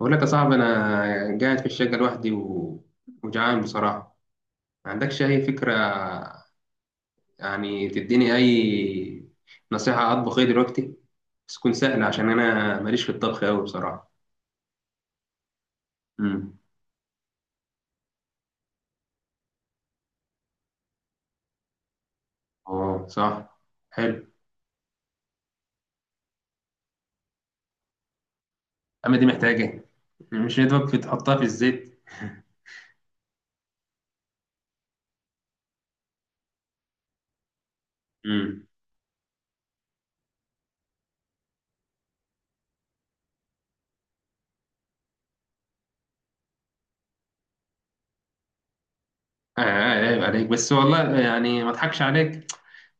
بقول لك يا صاحبي، انا قاعد في الشقه لوحدي وجعان بصراحه. ما عندكش اي فكره؟ يعني تديني اي نصيحه، اطبخ ايه دلوقتي؟ بس تكون سهله عشان انا ماليش في الطبخ قوي بصراحه. امم. اه صح. حلو. اما دي محتاجه إيه؟ مش يدوب تحطها في الزيت. امم. آه آه، عيب عليك بس والله، يعني ما اضحكش عليك.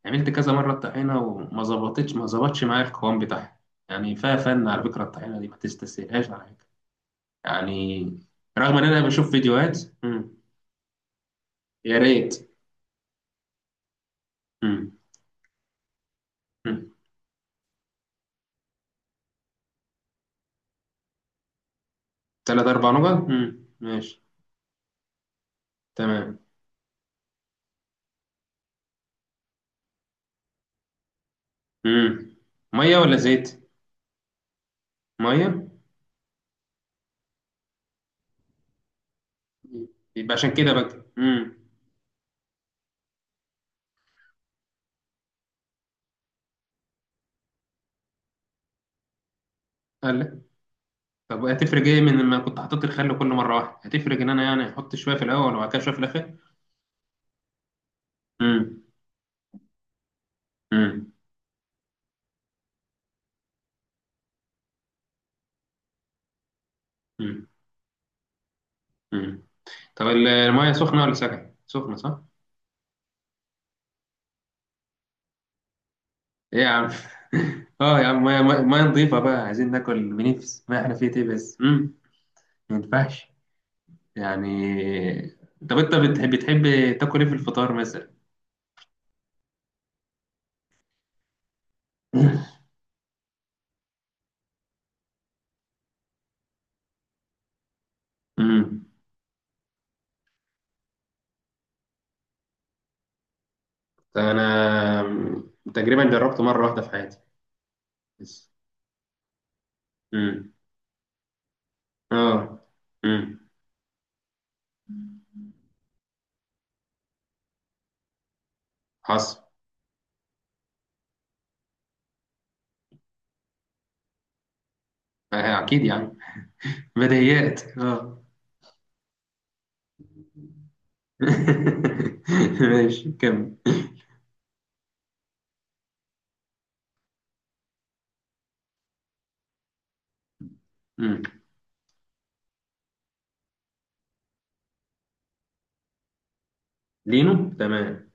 عملت كذا مره الطحينه وما ظبطتش ما ظبطش معايا القوام بتاعها. يعني فيها فن على فكره، الطحينه دي ما تستسهلهاش على فكرة. يعني رغم ان انا بشوف فيديوهات. مم. يا ريت. مم. مم. تلات اربع نقط. مم. ماشي. تمام. مم. ميه ولا زيت؟ ميه. يبقى عشان كده بقى. امم. قال لك، طب هتفرق ايه من لما كنت حطيت الخل كل مره واحده؟ هتفرق ان انا يعني احط شويه في الاول وبعد كده شويه في الاخر؟ امم. امم. امم. امم. طب الميه سخنه ولا سخنه سخنه، صح؟ ايه يا عم! اه يا عم، ميه ميه مية نظيفه بقى، عايزين ناكل بنفس ما احنا فيه ايه بس. امم. ما ينفعش يعني. طب انت بتحب تاكل ايه في الفطار مثلا؟ امم. انا تقريبا جربته مره واحده في حياتي. بس. امم. اه. امم. حصل. آه، اكيد يعني، بديهيات اه. ماشي كمل. امم. لينو، تمام.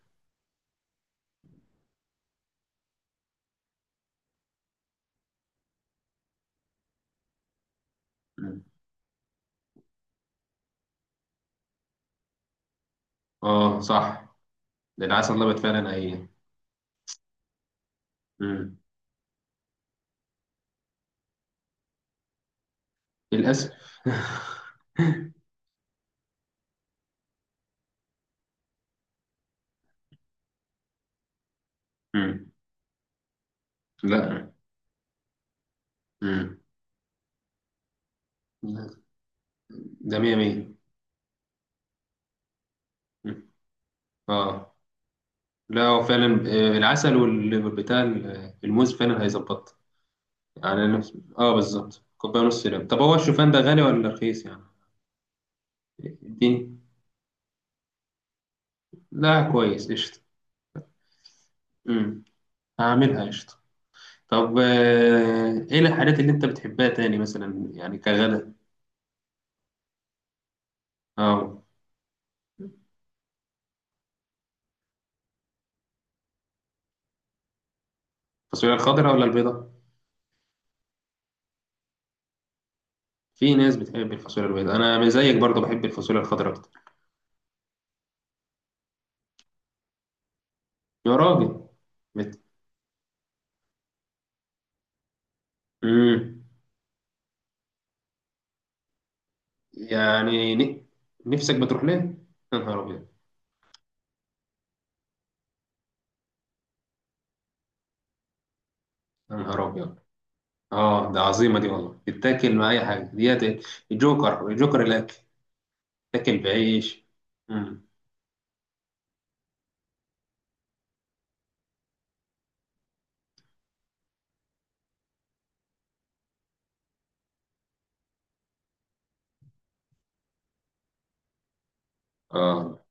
امم. اه صح، ده العسل الابيض فعلا ايه. امم. للاسف. امم. لا. امم. ده مية مية. مم. اه، لا هو فعلا آه، العسل الموز فعلا هيظبط. يعني اه بالظبط كوبايه ونص لب. طب هو الشوفان ده غالي ولا رخيص يعني؟ دي. لا كويس، قشطه. امم. هعملها قشطه. طب آه، ايه الحاجات اللي انت بتحبها تاني مثلا يعني، كغدا؟ اه. الفاصوليا الخضراء ولا البيضاء؟ في ناس بتحب الفاصوليا البيضاء. انا زيك برضه بحب الفاصوليا الخضراء اكتر. يا راجل! بت... امم. يعني نفسك بتروح ليه؟ يا نهار ابيض! يا نهار ابيض! اه، ده عظيمه دي والله، تتاكل مع اي حاجه ديت. الجوكر، الجوكر الاكل. تاكل بعيش. امم. اه.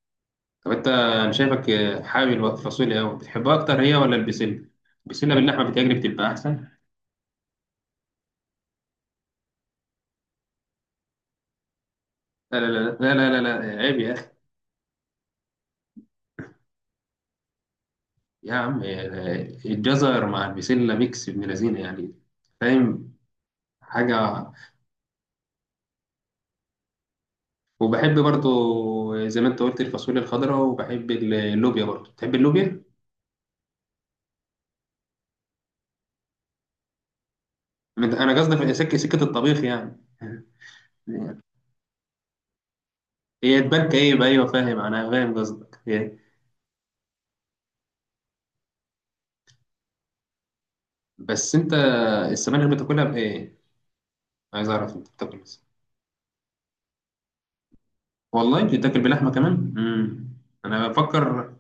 طب انا شايفك حابب الفاصوليا قوي، بتحبها اكتر هي ولا البسله؟ البسله باللحمه بتجري بتبقى احسن. لا لا لا لا لا لا، لا. عيب يا اخي. يا عم، الجزر مع البسله ميكس ابن لذينه يعني، فاهم؟ حاجه. وبحب برضو زي ما انت قلت الفاصوليا الخضراء، وبحب اللوبيا برضو. تحب اللوبيا؟ انا قصدي في سكه سكه الطبيخ يعني. هي تبان كئيبة، أيوة، فاهم، أنا فاهم قصدك. هي بس أنت، السبانخ بتاكلها بإيه؟ عايز أعرف أنت بتاكل بس. والله بتاكل بلحمة كمان؟ مم. أنا بفكر.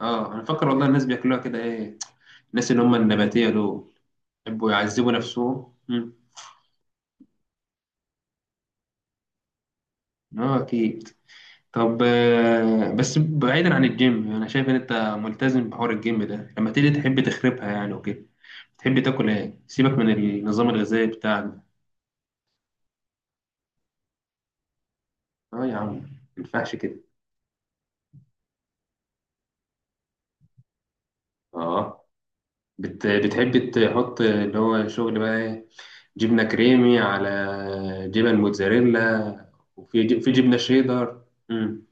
آه أنا بفكر والله، الناس بياكلوها كده إيه؟ الناس اللي هم النباتية دول يحبوا يعذبوا نفسهم. مم. آه أكيد. طب آه، بس بعيدا عن الجيم، أنا شايف إن أنت ملتزم بحوار الجيم ده، لما تيجي تحب تخربها يعني وكده، تحب تاكل إيه؟ سيبك من النظام الغذائي بتاعك ده. آه يا عم، ما ينفعش كده. اه بتحب تحط اللي هو شغل بقى ايه، جبنة كريمي، على جبن موتزاريلا، وفي في جبنة شيدر. مم.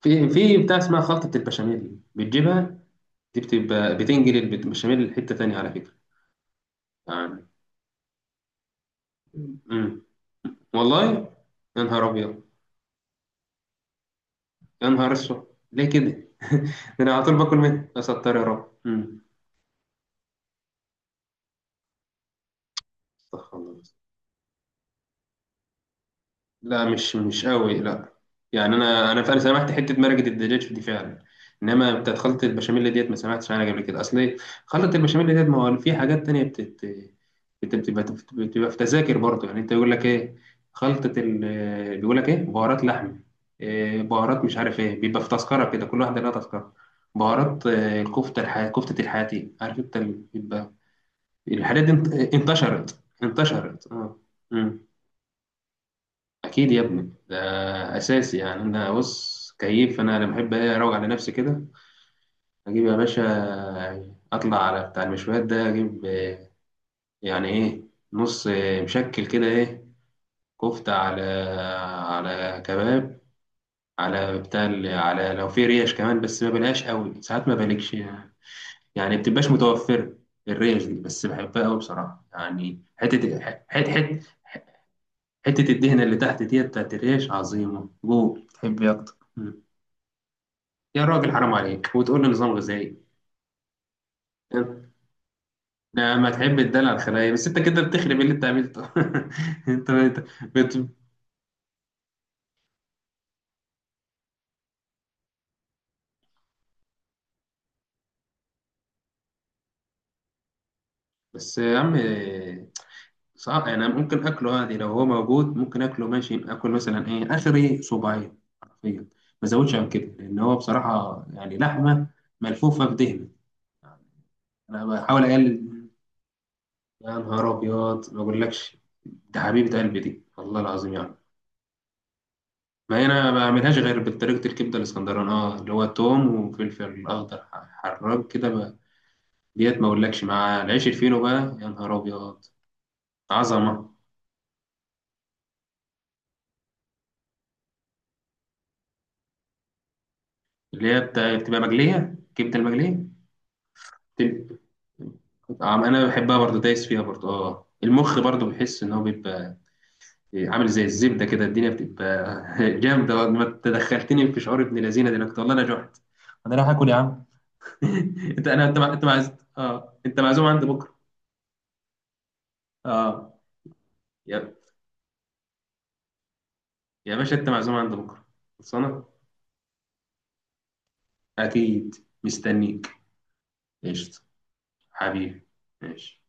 في بتاع اسمها خلطة البشاميل بتجيبها دي، بتبقى بتنجل البشاميل لحتة تانية على فكرة يعني. مم. والله! يا نهار أبيض! يا نهار أسود! ليه كده؟ ده أنا على طول باكل منها، أستر يا رب. مم. استغفر الله. لا مش قوي لا. يعني انا فعلا سمعت حته مرقه الدجاج دي فعلا. انما بتاعت خلطه البشاميل ديت، ما سمعتش عنها قبل كده. اصل إيه؟ خلطه البشاميل ديت، ما هو في حاجات تانية بت- بتبقى بتبقى في تذاكر برضه يعني. انت يقول لك ايه، خلطه بيقول لك ايه، بهارات لحم، إيه، بهارات مش عارف ايه، بيبقى في تذكره كده، كل واحده لها تذكره. بهارات آه، الكفته كفته الحياتي، عارف انت بيبقى الحاجات دي. انتشرت انتشرت اه. اكيد يا ابني، ده اساسي يعني. انا بص كيف، انا بحب إيه، اروق على نفسي كده، اجيب يا باشا، اطلع على بتاع المشويات ده، اجيب آه، يعني ايه، نص آه، مشكل كده ايه، كفته على كباب، على بتاع على لو في ريش كمان، بس ما بلاش قوي ساعات، ما بلكش يعني. يعني بتبقاش متوفره الريش دي، بس بحبها قوي بصراحه، يعني حته حته حته. حته الدهنه اللي تحت ديت بتاعت الريش عظيمه. جول، تحب إيه اكتر؟ يا راجل، حرام عليك! وتقول لي نظام غذائي. لما تحب الدلع الخلايا، بس انت كده بتخرب اللي انت عملته. انت بت... بس يا عم. صح انا ممكن اكله عادي لو هو موجود، ممكن اكله ماشي، اكل مثلا ايه اخري، صباعين حرفيا، ما زودش عن كده، لان هو بصراحه يعني لحمه ملفوفه بدهن. انا بحاول اقلل. يا نهار ابيض، ما اقولكش! ده حبيبه قلبي دي والله العظيم، يا. ما هي انا ما بعملهاش غير بطريقه الكبده الاسكندراني، اه اللي هو توم وفلفل اخضر حراج كده بقى. ديت ما اقولكش مع العيش الفينو بقى. يا نهار ابيض! عظمه. اللي هي بتبقى مقليه، كبده المقليه. بتبقى- طعم. انا بحبها برضه، دايس فيها برضه اه. المخ برضه بحس ان هو بيبقى عامل زي الزبده كده، الدنيا بتبقى جامده. ما تدخلتني في شعور ابن لذينه دلوقتي والله، انا جعت. انا رايح اكل يا عم. انت، انا انت مع... انت معز... اه، انت معزوم عندي بكره. اه يا باشا، انت معزوم عند بكره. خلصانه. اكيد. مستنيك. قشطه. حبيبي. ماشي.